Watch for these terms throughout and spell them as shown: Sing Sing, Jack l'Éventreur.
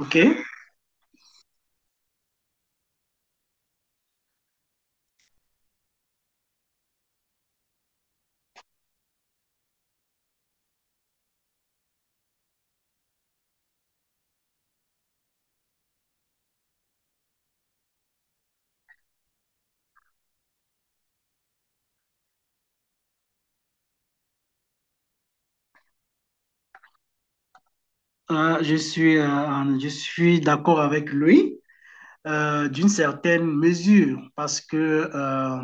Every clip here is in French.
OK. Je suis d'accord avec lui d'une certaine mesure parce que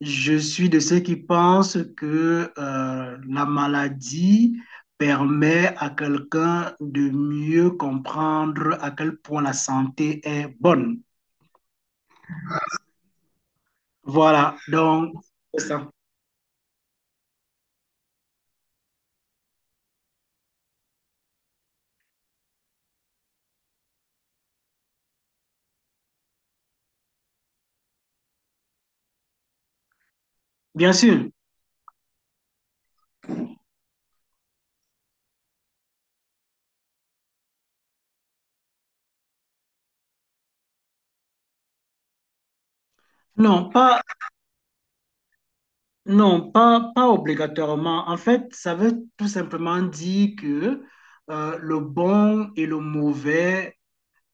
je suis de ceux qui pensent que la maladie permet à quelqu'un de mieux comprendre à quel point la santé est bonne. Voilà, donc c'est ça. Bien sûr. Non, pas, Non, pas, pas obligatoirement. En fait, ça veut tout simplement dire que le bon et le mauvais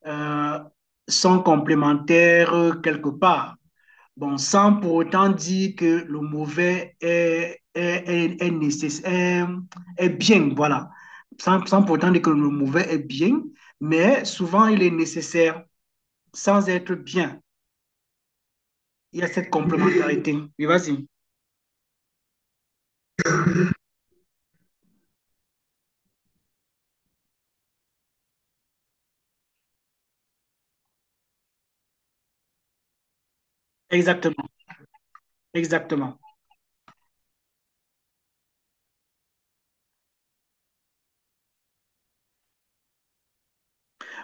euh, sont complémentaires quelque part. Bon, sans pour autant dire que le mauvais est nécessaire, est bien, voilà. Sans pour autant dire que le mauvais est bien, mais souvent il est nécessaire sans être bien. Il y a cette complémentarité. Oui, vas-y. Exactement, exactement.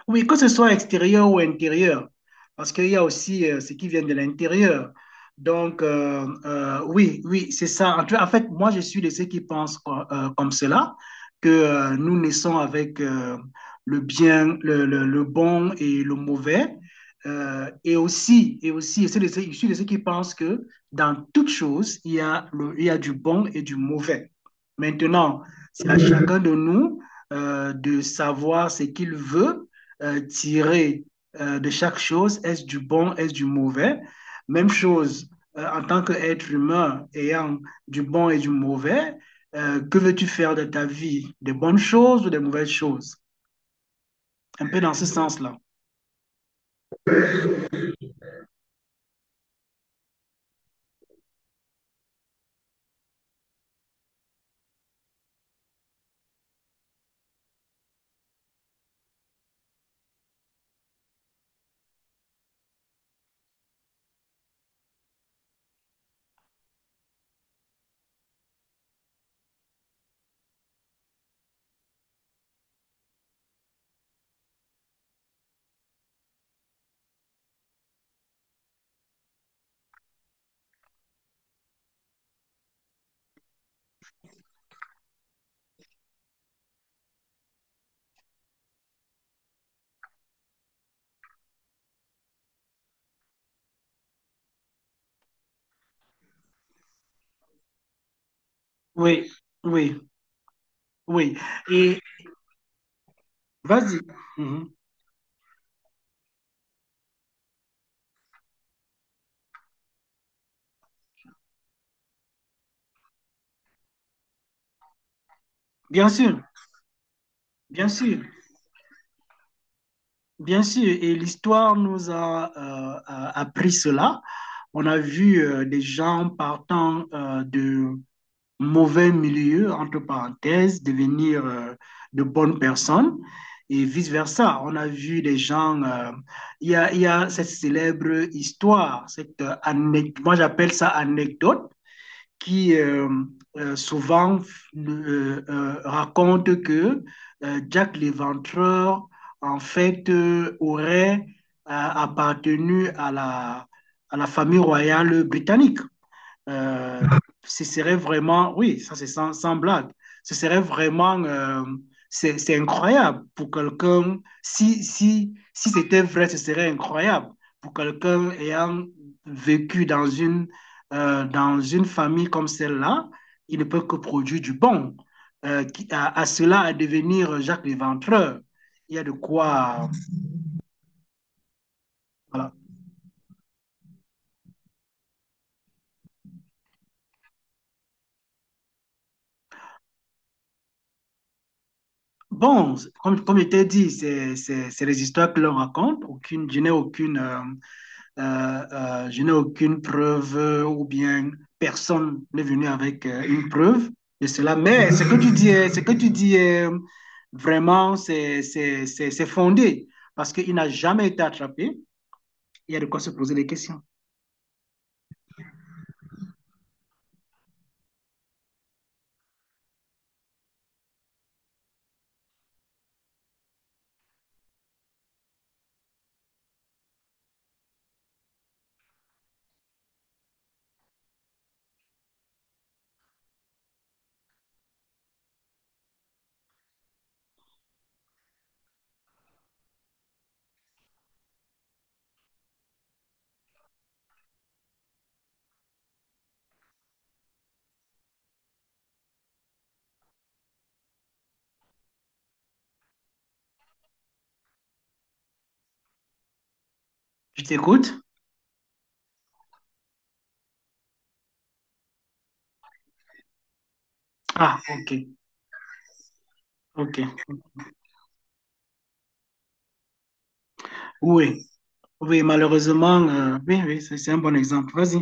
Oui, que ce soit extérieur ou intérieur, parce qu'il y a aussi ce qui vient de l'intérieur. Donc, oui, oui, c'est ça. En fait, moi, je suis de ceux qui pensent comme cela, que nous naissons avec le bien, le bon et le mauvais. Et aussi, je suis de ceux qui pensent que dans toute chose, il y a du bon et du mauvais. Maintenant, c'est à chacun de nous de savoir ce qu'il veut tirer de chaque chose, est-ce du bon, est-ce du mauvais? Même chose, en tant qu'être humain ayant du bon et du mauvais, que veux-tu faire de ta vie? Des bonnes choses ou des mauvaises choses? Un peu dans ce sens-là. Oui, oui, oui. Et vas-y. Mhm. Bien sûr, bien sûr. Bien sûr, et l'histoire nous a appris cela. On a vu des gens partant de mauvais milieu, entre parenthèses, devenir de bonnes personnes et vice-versa. On a vu des gens, il y a cette célèbre histoire, cette anecdote, moi j'appelle ça anecdote, qui souvent raconte que Jack l'Éventreur, en fait, aurait appartenu à la famille royale britannique. Euh, ce serait vraiment, oui, ça c'est sans blague, ce serait vraiment, c'est incroyable pour quelqu'un, si c'était vrai, ce serait incroyable pour quelqu'un ayant vécu dans une famille comme celle-là, il ne peut que produire du bon. À cela, à devenir Jacques Léventreur, il y a de quoi. Voilà. Bon, comme je t'ai dit, c'est les histoires que l'on raconte. Aucune, je n'ai aucune. Euh, je n'ai aucune preuve ou bien personne n'est venu avec une preuve de cela. Mais ce que tu dis, ce que tu dis est vraiment, c'est fondé parce qu'il n'a jamais été attrapé. Il y a de quoi se poser des questions. Je t'écoute? Ah, ok, ok. Oui, oui, malheureusement, oui, oui, c'est un bon exemple. Vas-y.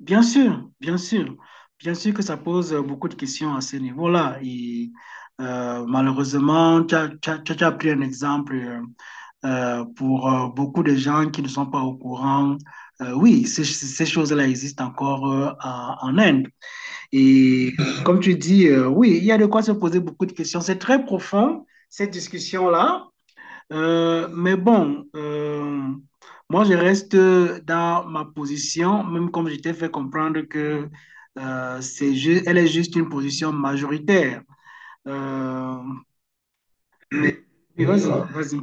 Bien sûr, bien sûr. Bien sûr que ça pose beaucoup de questions à ce niveau-là. Et malheureusement, tu as pris un exemple pour beaucoup de gens qui ne sont pas au courant. Oui, ces choses-là existent encore en Inde. Et comme tu dis, oui, il y a de quoi se poser beaucoup de questions. C'est très profond, cette discussion-là. Mais bon, moi je reste dans ma position, même comme je t'ai fait comprendre que elle est juste une position majoritaire. Euh, mais mais vas-y, vas-y.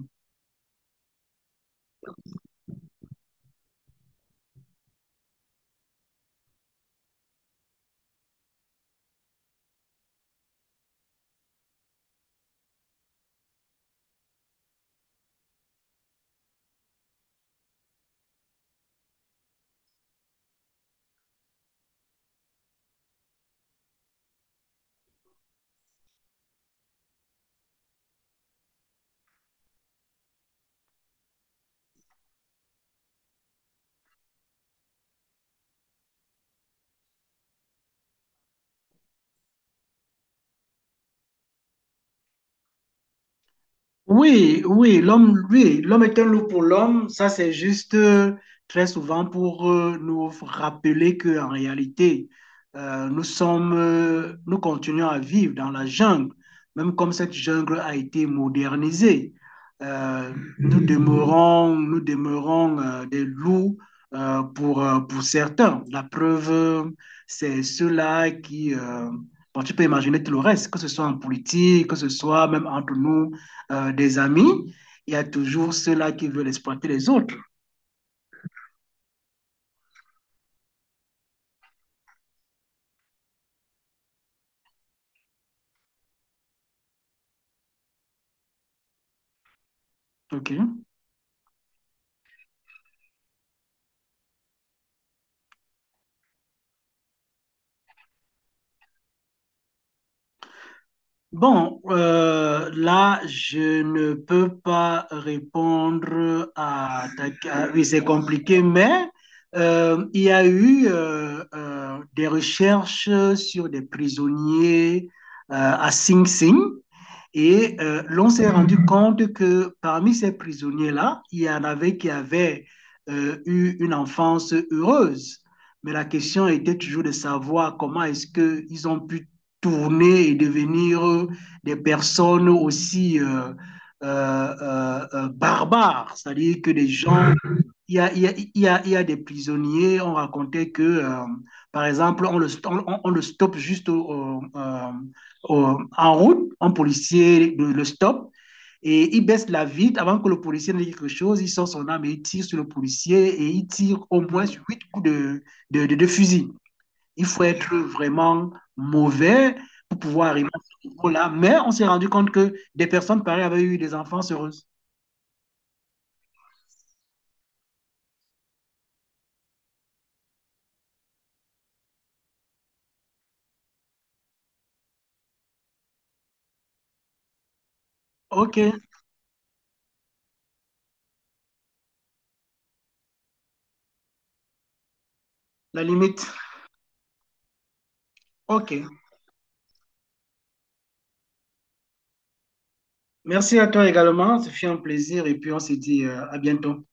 Oui, oui, l'homme est un loup pour l'homme. Ça, c'est juste très souvent pour nous rappeler que en réalité, nous continuons à vivre dans la jungle, même comme cette jungle a été modernisée. Euh, nous demeurons des loups pour certains. La preuve, c'est ceux-là qui, bon, tu peux imaginer tout le reste, que ce soit en politique, que ce soit même entre nous, des amis, il y a toujours ceux-là qui veulent exploiter les autres. OK. Bon, là, je ne peux pas répondre à ta... Oui, c'est compliqué, mais il y a eu des recherches sur des prisonniers à Sing Sing. Et l'on s'est rendu compte que parmi ces prisonniers-là, il y en avait qui avaient eu une enfance heureuse. Mais la question était toujours de savoir comment est-ce qu'ils ont pu tourner et devenir des personnes aussi euh, barbares, c'est-à-dire que des gens il y, a, il, y a, il y a, il y a des prisonniers, on racontait que, par exemple, on le stoppe juste en route, un policier le stoppe et il baisse la vitre avant que le policier ne dise quelque chose. Il sort son arme et il tire sur le policier et il tire au moins huit coups de fusil. Il faut être vraiment mauvais pour pouvoir arriver à ce niveau-là. Mais on s'est rendu compte que des personnes pareilles avaient eu des enfants heureuses. OK, la limite. OK. Merci à toi également. Ce fut un plaisir et puis on se dit à bientôt.